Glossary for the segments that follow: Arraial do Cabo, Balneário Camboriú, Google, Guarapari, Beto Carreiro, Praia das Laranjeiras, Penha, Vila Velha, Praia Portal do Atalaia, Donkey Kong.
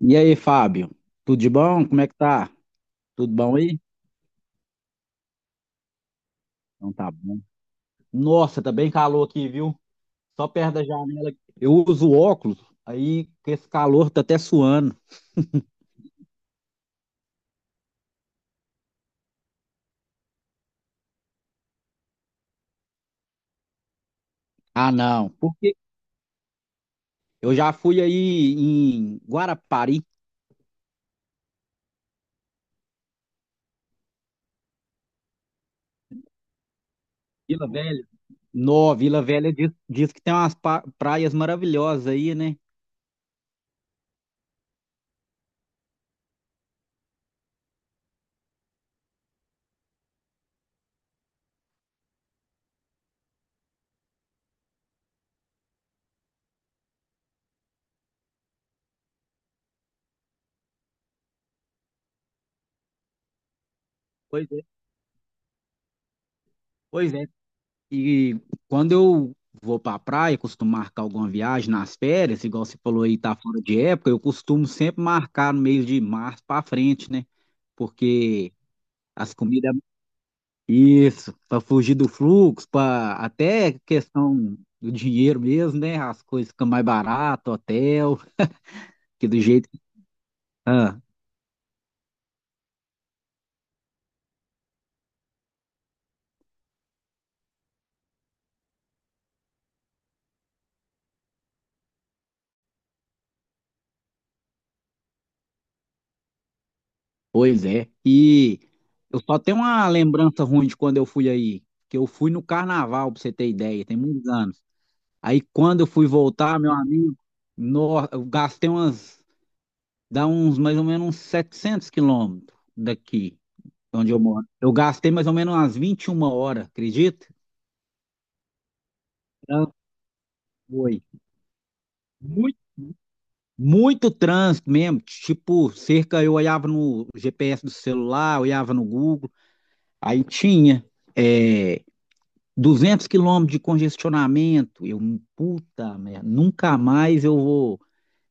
E aí, Fábio? Tudo de bom? Como é que tá? Tudo bom aí? Então tá bom. Nossa, tá bem calor aqui, viu? Só perto da janela. Eu uso óculos, aí com esse calor tá até suando. Ah, não. Porque eu já fui aí em Guarapari, Vila Velha. No, Vila Velha diz que tem umas praias maravilhosas aí, né? Pois é. Pois é. E quando eu vou para a praia, costumo marcar alguma viagem nas férias, igual você falou aí, tá fora de época, eu costumo sempre marcar no mês de março para frente, né? Porque as comidas, isso, para fugir do fluxo, para até questão do dinheiro mesmo, né? As coisas ficam mais barato, hotel, que do jeito que. Ah, pois é. E eu só tenho uma lembrança ruim de quando eu fui aí, que eu fui no carnaval, para você ter ideia, tem muitos anos. Aí quando eu fui voltar, meu amigo, no, eu gastei umas, dá uns mais ou menos uns 700 quilômetros daqui, onde eu moro. Eu gastei mais ou menos umas 21 horas, acredita? Trânsito. Foi. Muito, muito trânsito mesmo, tipo, cerca, eu olhava no GPS do celular, olhava no Google, aí tinha é, 200 quilômetros de congestionamento. Eu, puta merda, nunca mais eu vou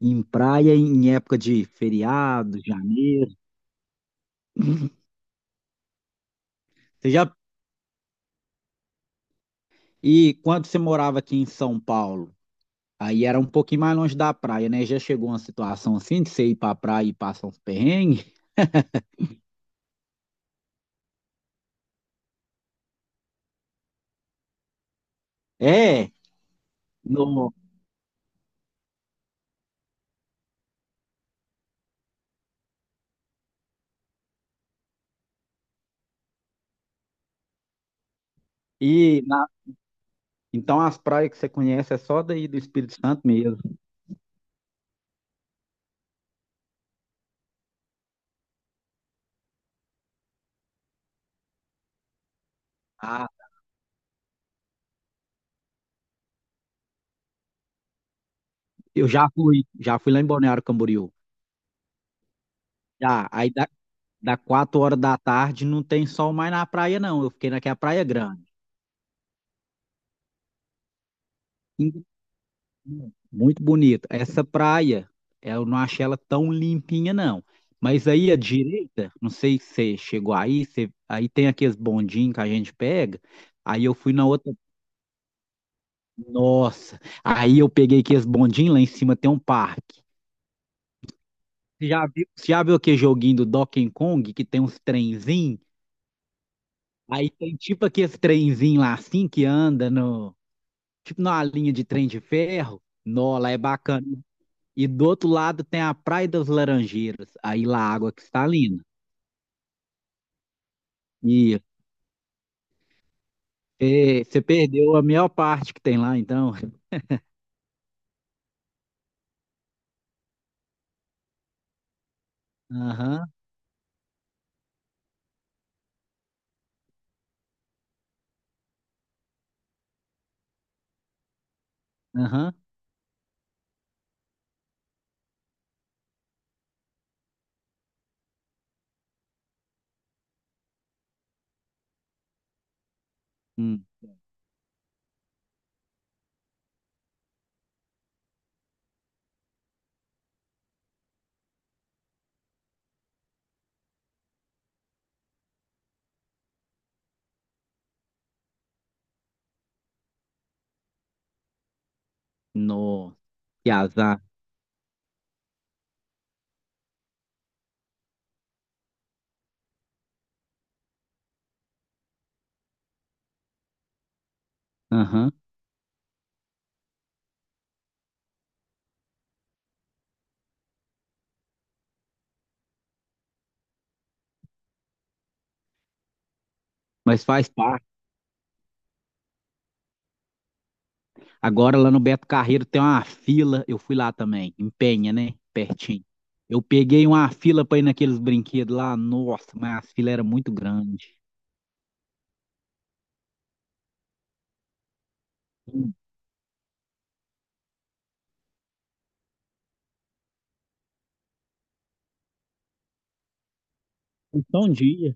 em praia em época de feriado, janeiro. Você já... E quando você morava aqui em São Paulo, aí era um pouquinho mais longe da praia, né? Já chegou uma situação assim de você ir pra praia e passar uns perrengues? É, no... E na- então as praias que você conhece é só daí do Espírito Santo mesmo. Ah, eu já fui lá em Balneário Camboriú. Já, aí da 4 horas da tarde não tem sol mais na praia, não. Eu fiquei naquela praia grande. Muito bonita. Essa praia, eu não achei ela tão limpinha, não. Mas aí à direita, não sei se você chegou aí, aí tem aqueles bondinhos que a gente pega. Aí eu fui na outra. Nossa! Aí eu peguei aqueles bondinhos, lá em cima tem um parque. Você já viu aquele joguinho do Donkey Kong que tem uns trenzinhos? Aí tem tipo aqueles trenzinhos lá assim que anda no. Tipo numa linha de trem de ferro. Nó, lá é bacana. E do outro lado tem a Praia das Laranjeiras, aí lá a água cristalina. E você perdeu a maior parte que tem lá, então. Aham, aham. Hum, Nossa, que azar. Aham. Mas faz parte. Agora lá no Beto Carreiro tem uma fila. Eu fui lá também, em Penha, né? Pertinho. Eu peguei uma fila para ir naqueles brinquedos lá. Nossa, mas a fila era muito grande. Hum, Então, um dia.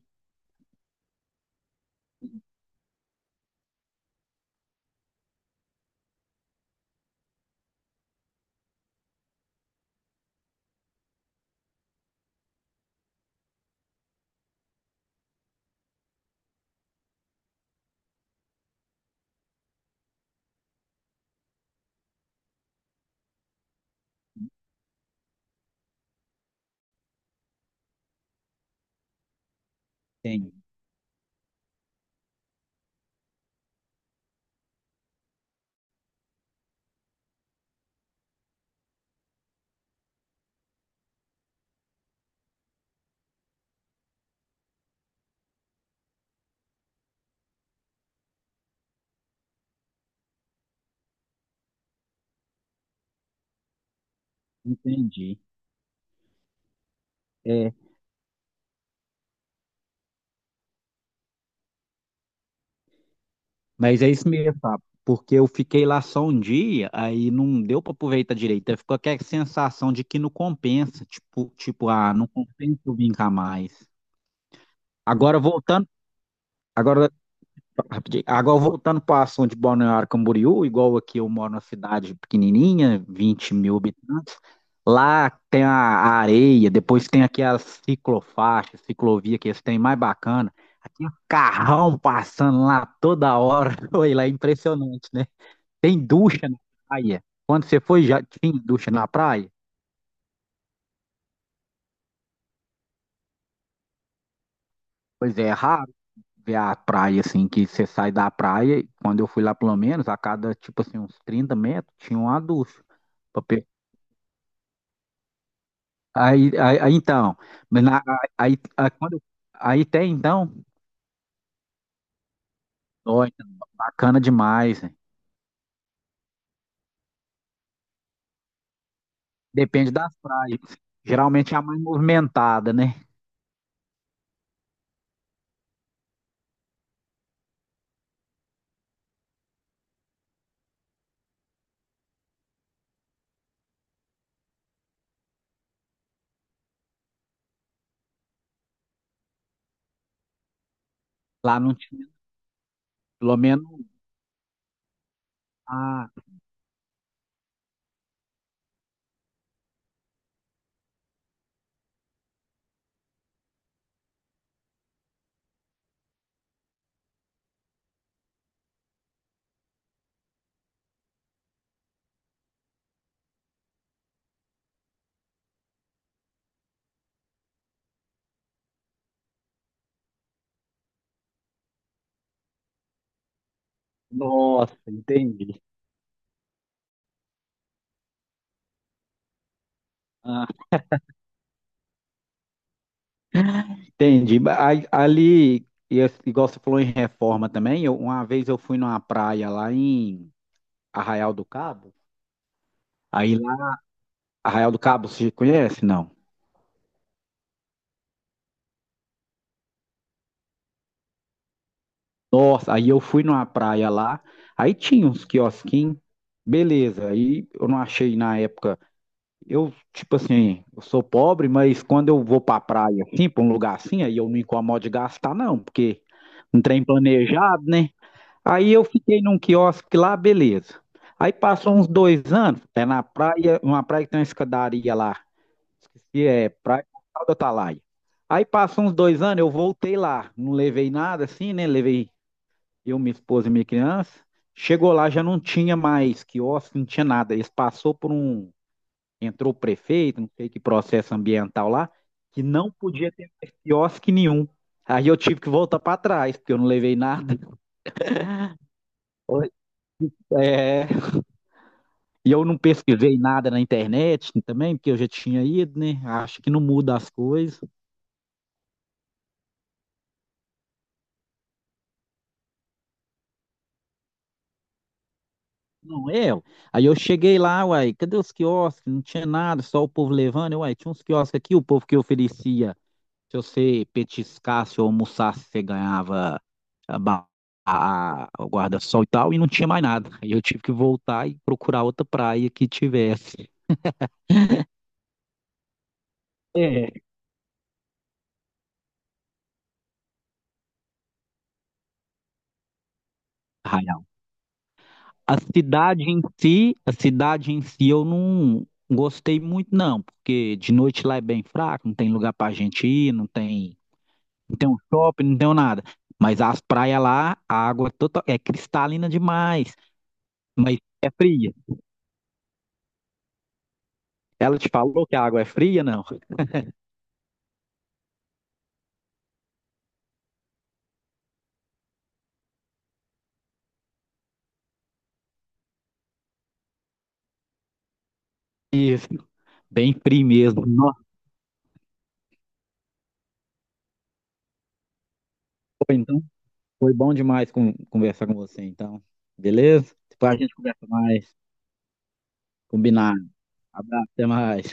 Entendi. Entendi. É. Mas é isso mesmo, tá? Porque eu fiquei lá só um dia, aí não deu para aproveitar direito. Aí ficou aquela sensação de que não compensa. Tipo, tipo, ah, não compensa eu vir cá mais. Agora voltando, agora, rapidinho, agora voltando para o assunto de Balneário Camboriú, igual aqui eu moro numa cidade pequenininha, 20 mil habitantes. Lá tem a areia, depois tem aqui as ciclofaixas, ciclovia que eles têm mais bacana. Aqui um carrão passando lá toda hora. Foi lá, é impressionante, né? Tem ducha na praia. Quando você foi, já tinha ducha na praia? Pois é, é raro ver a praia assim, que você sai da praia. Quando eu fui lá, pelo menos, a cada, tipo assim, uns 30 metros, tinha uma ducha. pra pe- aí, então, mas na- aí, quando, aí tem então, nossa, bacana demais, né? Depende das praias. Geralmente é a mais movimentada, né? Lá não tinha, pelo menos, ah, nossa, entendi. Ah, entendi. Ali, e igual você falou em reforma também, uma vez eu fui numa praia lá em Arraial do Cabo. Aí lá, Arraial do Cabo, você conhece? Não. Nossa, aí eu fui numa praia lá, aí tinha uns quiosquinhos, beleza. Aí eu não achei na época. Eu, tipo assim, eu sou pobre, mas quando eu vou pra praia assim, pra um lugar assim, aí eu não incomodo de gastar, não, porque não tem planejado, né? Aí eu fiquei num quiosque lá, beleza. Aí passou uns 2 anos, na praia, uma praia que tem uma escadaria lá. Esqueci, é Praia Portal do Atalaia. Aí passou uns dois anos, eu voltei lá. Não levei nada assim, né? Levei eu, minha esposa e minha criança. Chegou lá, já não tinha mais quiosque, não tinha nada. Eles passou por um. Entrou o prefeito, não sei que processo ambiental lá, que não podia ter mais quiosque nenhum. Aí eu tive que voltar para trás, porque eu não levei nada. Oi. É. E eu não pesquisei nada na internet também, porque eu já tinha ido, né? Acho que não muda as coisas. Não é? Ué. Aí eu cheguei lá, uai, cadê os quiosques? Não tinha nada, só o povo levando. Eu, uai, tinha uns quiosques aqui, o povo que oferecia, se você petiscasse ou almoçasse, você ganhava a, ba- a- o guarda-sol e tal, e não tinha mais nada. Aí eu tive que voltar e procurar outra praia que tivesse. É. Aí a cidade em si, a cidade em si eu não gostei muito não, porque de noite lá é bem fraco, não tem lugar pra gente ir, não tem um shopping, não tem um nada. Mas as praias lá, a água é, total, é cristalina demais, mas é fria. Ela te falou que a água é fria, não? Isso, bem fria mesmo. Nossa, foi, então, foi bom demais conversar com você, então. Beleza? Depois a gente conversa mais. Combinado. Abraço, até mais.